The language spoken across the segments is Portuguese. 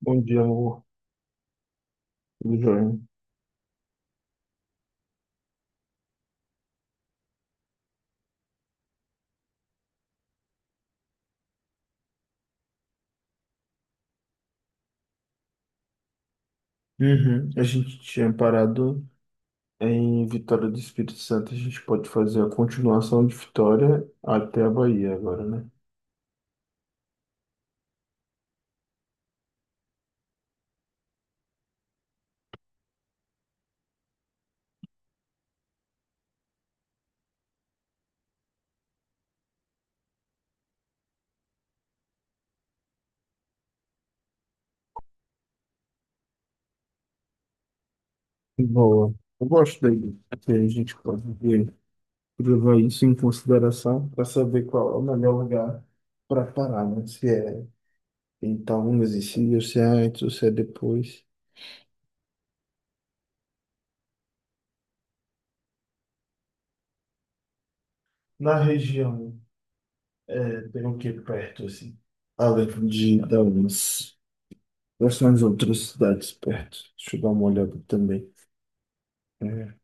Bom dia, amor. Tudo jóia? Uhum. A gente tinha parado em Vitória do Espírito Santo. A gente pode fazer a continuação de Vitória até a Bahia agora, né? Boa. Eu gosto daí. Que A gente pode ver- Levar isso em consideração para saber qual é o melhor lugar para parar, né? Se é em Itaúnas e se ou se é antes ou se é depois. Na região, tem o que perto, assim? Além de Itaúnas. Quais são as outras cidades perto? Deixa eu dar uma olhada também. É,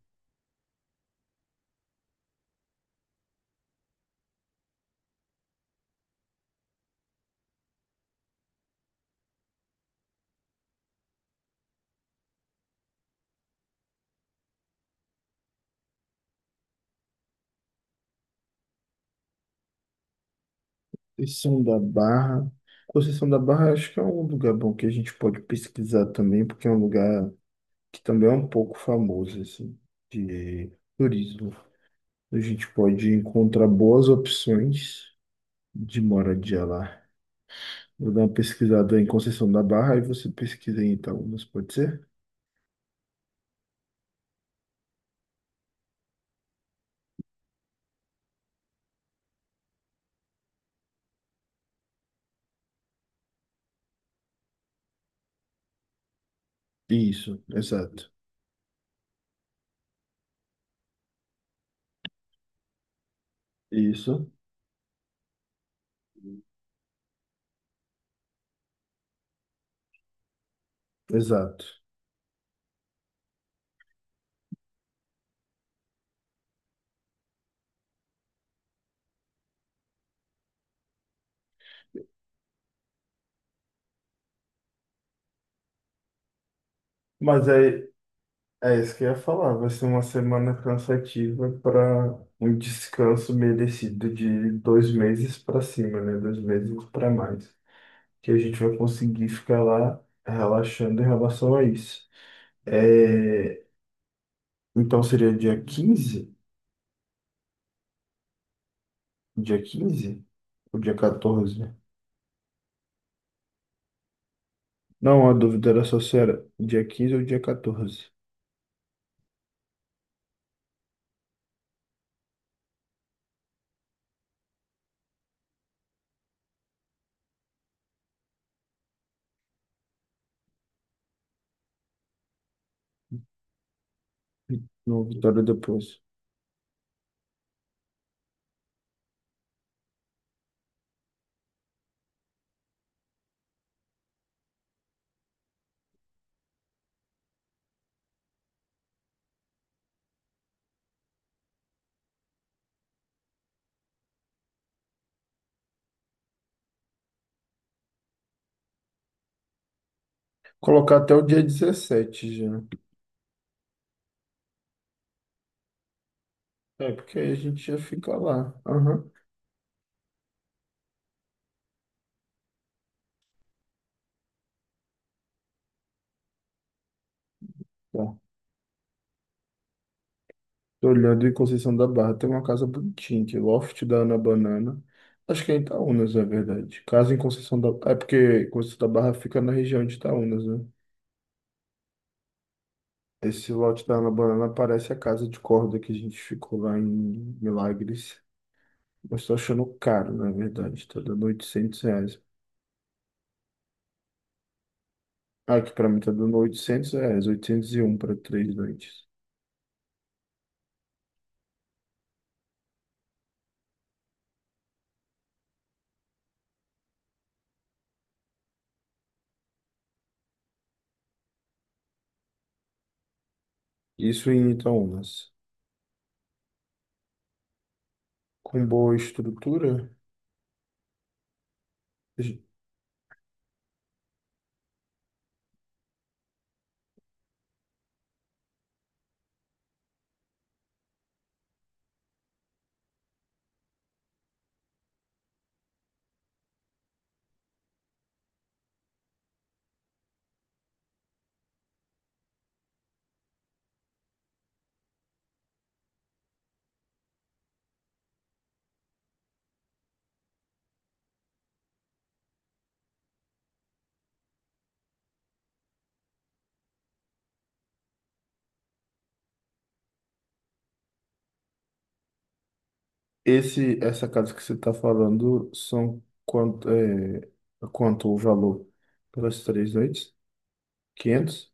Conceição da Barra. Conceição da Barra acho que é um lugar bom que a gente pode pesquisar também, porque é um lugar que também é um pouco famoso, assim, de turismo. A gente pode encontrar boas opções de moradia lá. Vou dar uma pesquisada em Conceição da Barra e você pesquisa em Itaúnas, pode ser? Isso, exato. Isso, exato. Mas é isso que eu ia falar. Vai ser uma semana cansativa para um descanso merecido de 2 meses para cima, né? 2 meses para mais. Que a gente vai conseguir ficar lá relaxando em relação a isso. É, então seria dia 15? Dia 15? Ou dia 14? Não, a dúvida era só se era dia 15 ou dia 14. Não, Vitória depois. Colocar até o dia 17, já. É, porque aí a gente já fica lá. Aham. Tá. Tô olhando em Conceição da Barra, tem uma casa bonitinha aqui, Loft da Ana Banana. Acho que é em Itaúnas, na verdade. Casa em Conceição da... É porque Conceição da Barra fica na região de Itaúnas, né? Esse lote da Ana Banana parece a casa de corda que a gente ficou lá em Milagres. Eu estou achando caro, na verdade. Tá dando R$ 800. Ah, aqui pra mim tá dando R$ 800, 801 para 3 noites. Isso em Itaúnas. Com boa estrutura. Esse, essa casa que você está falando são quanto, é, quanto o valor pelas 3 noites? 500.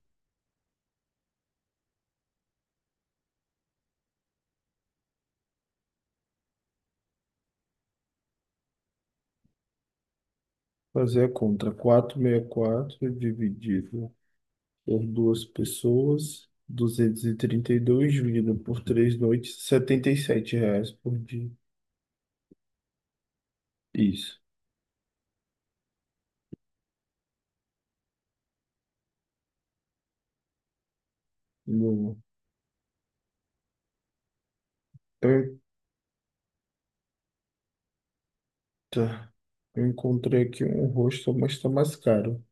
Fazer a conta. 464 dividido por duas pessoas, duzentos e trinta e dois dividido por 3 noites, R$ 77 por dia. Isso. No- Eita, eu encontrei aqui um rosto, mas está mais caro.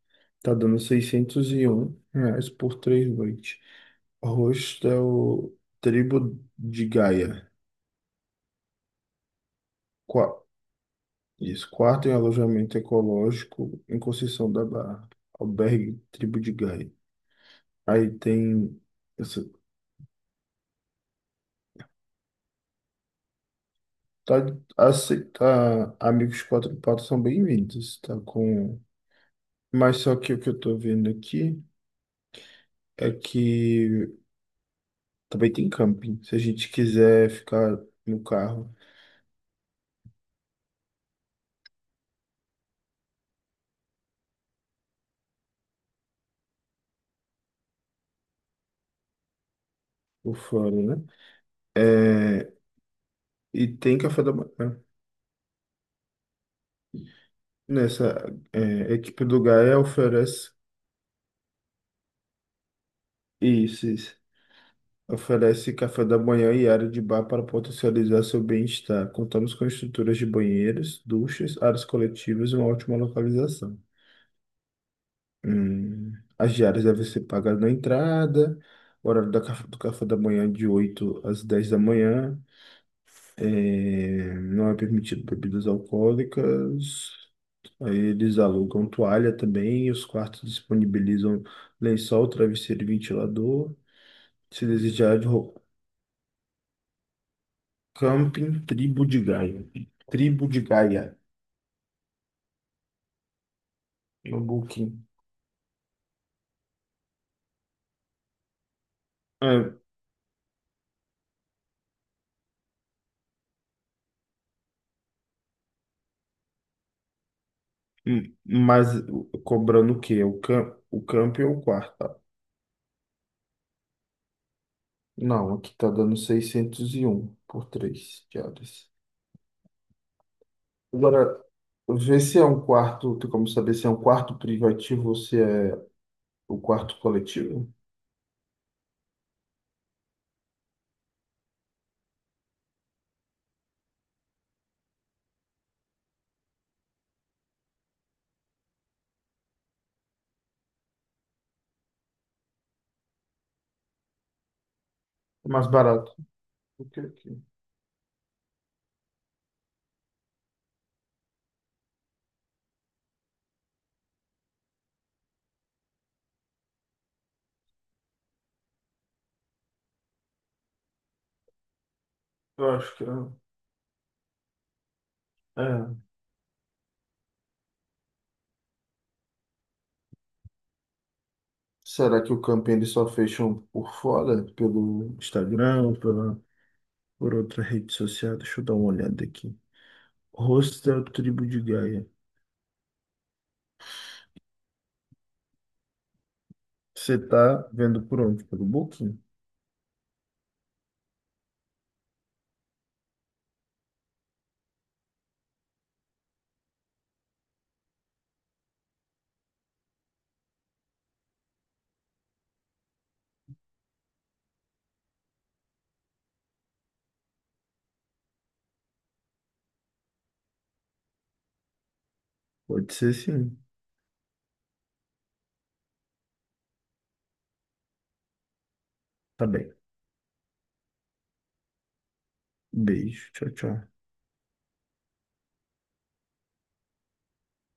Tá dando R$ 601 por 3 noites. Host é o Tribo de Gaia. Qua- Isso, quarto em alojamento ecológico em Conceição da Barra. Albergue Tribo de Gaia. Aí tem. Essa, tá, aceita, amigos quatro patas são bem-vindos. Tá com. Mas só que o que eu tô vendo aqui é que também tem camping. Se a gente quiser ficar no carro por fora, né? É, e tem café da manhã. Nessa equipe do Gaia oferece. Isso, isso. Oferece café da manhã e área de bar para potencializar seu bem-estar. Contamos com estruturas de banheiros, duchas, áreas coletivas e uma ótima localização. Hum, as diárias devem ser pagas na entrada, o horário da do café da manhã é de 8 às 10 da manhã. É, não é permitido bebidas alcoólicas. Aí eles alugam toalha também e os quartos disponibilizam lençol, travesseiro e ventilador. Se desejar de roupa. Camping Tribo de Gaia. Tribo de Gaia. No Booking. É, mas cobrando o quê? O camping ou o quarto? Tá? Não, aqui tá dando 601 por 3 diárias. Agora, vê se é um quarto. Tem como saber se é um quarto privativo ou se é o quarto coletivo? É mais barato do que aqui. Eu acho que é. É. Será que o camping eles só fecham por fora? Pelo Instagram, por outra rede social? Deixa eu dar uma olhada aqui. Hostel Tribo de Gaia. Você tá vendo por onde? Pelo Booking? Pode ser sim. Tá bem. Beijo. Tchau, tchau.